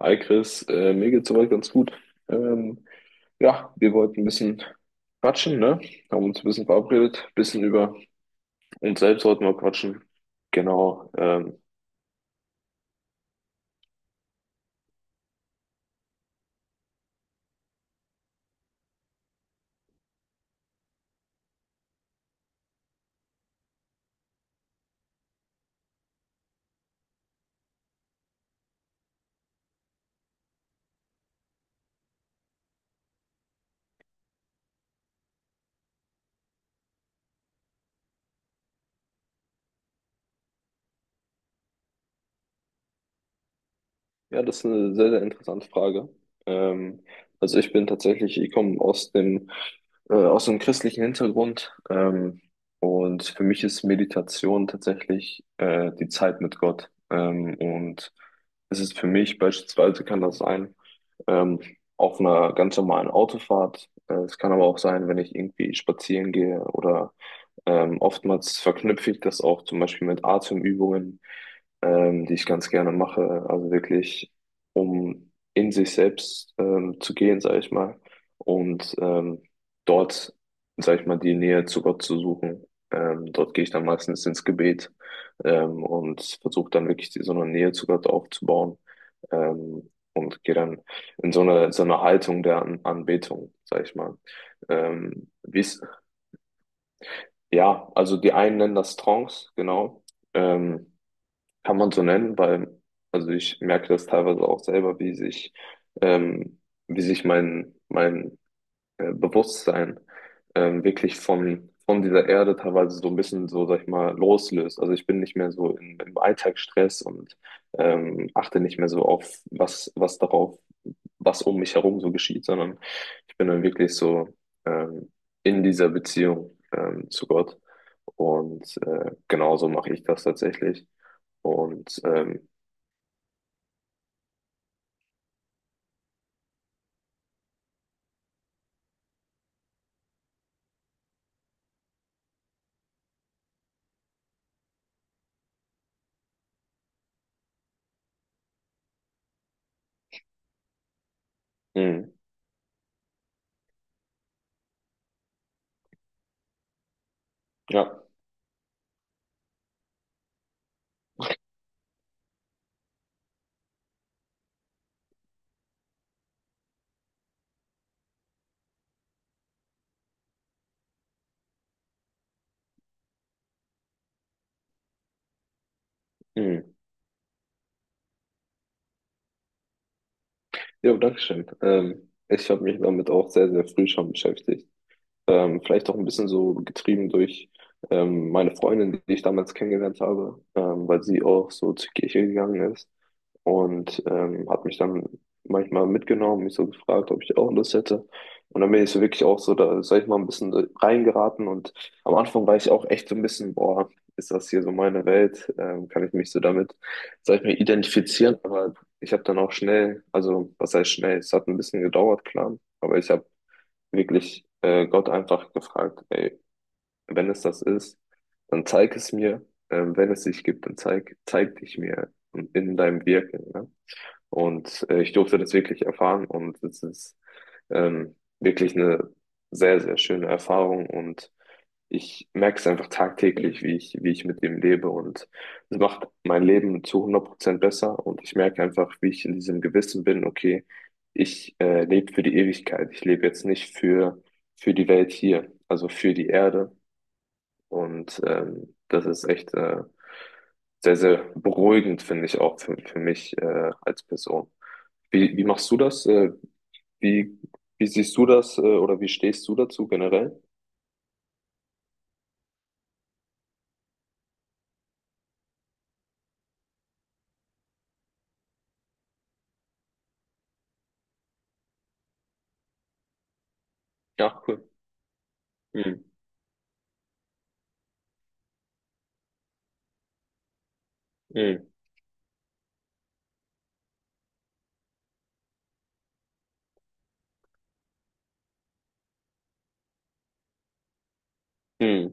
Hi Chris, mir geht's soweit ganz gut. Ähm, ja, wir wollten ein bisschen quatschen, ne? Haben uns ein bisschen verabredet, ein bisschen über uns selbst wollten wir quatschen. Genau. Ja, das ist eine sehr, sehr interessante Frage. Ähm, also ich bin tatsächlich, ich komme aus dem, aus einem christlichen Hintergrund. Und für mich ist Meditation tatsächlich die Zeit mit Gott. Und es ist für mich beispielsweise, kann das sein. ähm, auf einer ganz normalen Autofahrt. Es kann aber auch sein, wenn ich irgendwie spazieren gehe oder oftmals verknüpfe ich das auch zum Beispiel mit Atemübungen, die ich ganz gerne mache. Also wirklich, um in sich selbst zu gehen, sage ich mal, und dort, sage ich mal, die Nähe zu Gott zu suchen. Dort gehe ich dann meistens ins Gebet und versuche dann wirklich die, so eine Nähe zu Gott aufzubauen und gehe dann in so eine Haltung der An Anbetung, sag ich mal. Ähm, wie's, ja, also die einen nennen das Trance, genau. Ähm, Kann man so nennen, weil, also ich merke das teilweise auch selber, wie sich, ähm, mein Bewusstsein wirklich von dieser Erde teilweise so ein bisschen so, sag ich mal, loslöst. Also ich bin nicht mehr so im Alltagsstress und achte nicht mehr so auf, was um mich herum so geschieht, sondern ich bin dann wirklich so ähm, in dieser Beziehung zu Gott. Und genauso mache ich das tatsächlich. Und mh, ja, mh. Jo, Dankeschön. Ich habe mich damit auch sehr, sehr früh schon beschäftigt. Vielleicht auch ein bisschen so getrieben durch meine Freundin, die ich damals kennengelernt habe, weil sie auch so zur Kirche gegangen ist. Und hat mich dann manchmal mitgenommen, mich so gefragt, ob ich auch Lust hätte. Und dann bin ich so wirklich auch so, da sag ich mal, ein bisschen reingeraten und am Anfang war ich auch echt so ein bisschen, boah, ist das hier so meine Welt? Kann ich mich so damit, sag ich mal, identifizieren? Aber ich habe dann auch schnell, also was heißt schnell? Es hat ein bisschen gedauert, klar, aber ich habe wirklich Gott einfach gefragt, ey, wenn es das ist, dann zeig es mir. Wenn es dich gibt, dann zeig dich mir in deinem Wirken. Ne? Und ich durfte das wirklich erfahren und es ist wirklich eine sehr, sehr schöne Erfahrung und ich merke es einfach tagtäglich, wie ich mit dem lebe und es macht mein Leben zu 100% besser und ich merke einfach, wie ich in diesem Gewissen bin, okay, ich lebe für die Ewigkeit, ich lebe jetzt nicht für, die Welt hier, also für die Erde und das ist echt sehr, sehr beruhigend, finde ich auch für mich als Person. Wie machst du das? Wie, wie siehst du das, oder wie stehst du dazu generell? Ja, cool. Hm, hm, hm,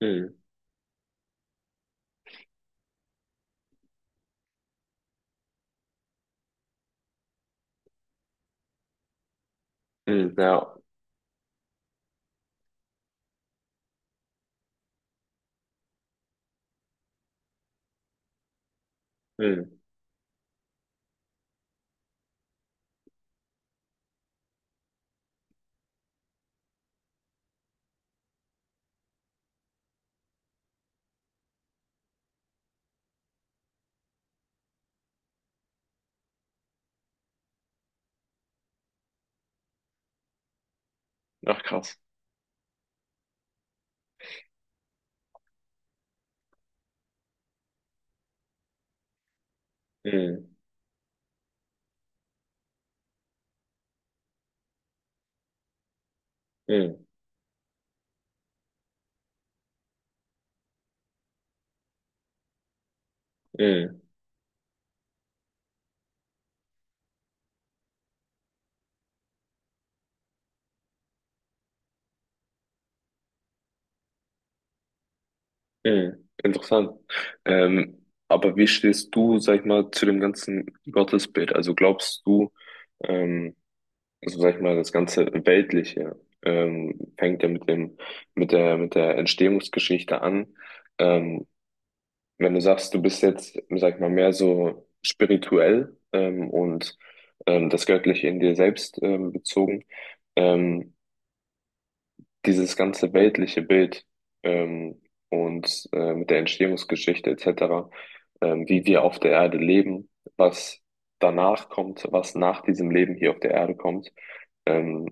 hm, hm, ja. Hm. Ach, krass. Hm, hm, hm, hm. Interessant. Aber wie stehst du, sag ich mal, zu dem ganzen Gottesbild? Also glaubst du, ähm, also sag ich mal, das ganze Weltliche fängt ja mit dem, mit der Entstehungsgeschichte an. Ähm, Wenn du sagst, du bist jetzt, sag ich mal, mehr so spirituell und das Göttliche in dir selbst bezogen, ähm, dieses ganze weltliche Bild ähm, mit der Entstehungsgeschichte etc., wie wir auf der Erde leben, was danach kommt, was nach diesem Leben hier auf der Erde kommt. Ähm,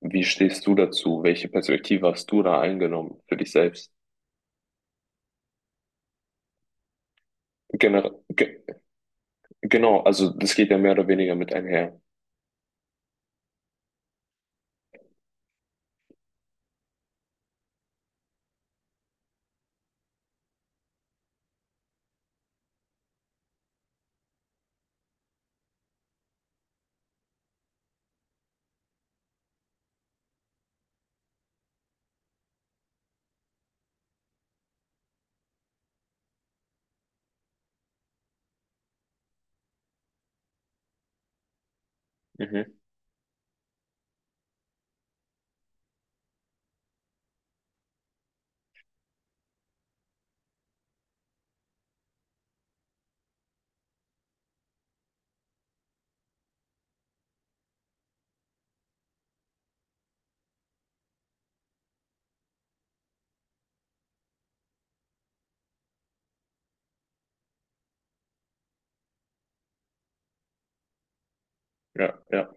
Wie stehst du dazu? Welche Perspektive hast du da eingenommen für dich selbst? Gener ge Genau, also das geht ja mehr oder weniger mit einher. Mhm. Ja, ja.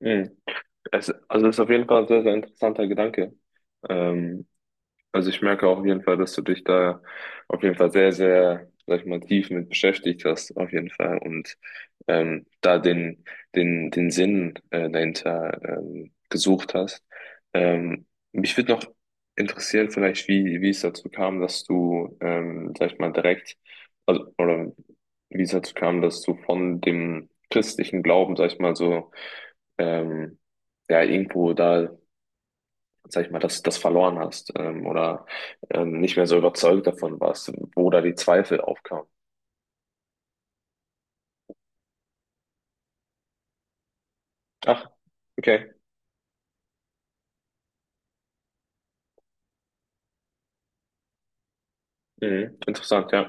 Mhm. Also das ist auf jeden Fall ein sehr, sehr interessanter Gedanke. Ähm, Also ich merke auf jeden Fall, dass du dich da auf jeden Fall sehr, sehr, sag ich mal, tief mit beschäftigt hast, auf jeden Fall. Und da den Sinn dahinter gesucht hast. Ähm, Mich würde noch interessieren, vielleicht, wie es dazu kam, dass du, sag ich mal, direkt, also, oder wie es dazu kam, dass du von dem christlichen Glauben, sag ich mal, so, ähm, ja, irgendwo da sag ich mal, das verloren hast oder nicht mehr so überzeugt davon warst, wo da die Zweifel aufkamen. Ach, okay. Mhm. Interessant, ja.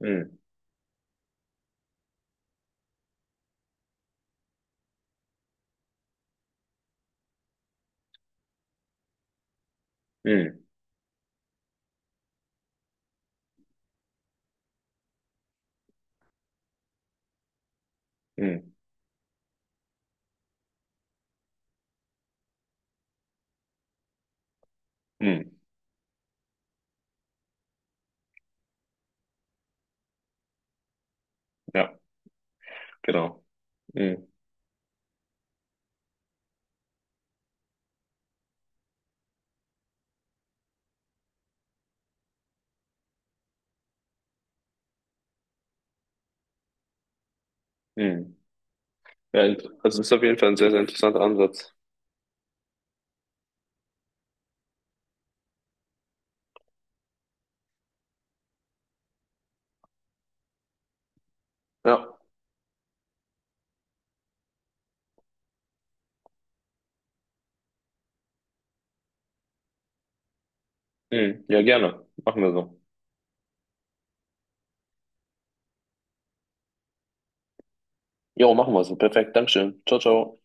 Mhm. Mhm. Mhm. Mhm. Ja, genau. Mhm. Mhm. Ja, also ist auf jeden Fall ein sehr, sehr interessanter Ansatz. Ja. Mhm. Ja, gerne. Machen wir so. Jo, machen wir so. Perfekt. Dankeschön. Ciao, ciao.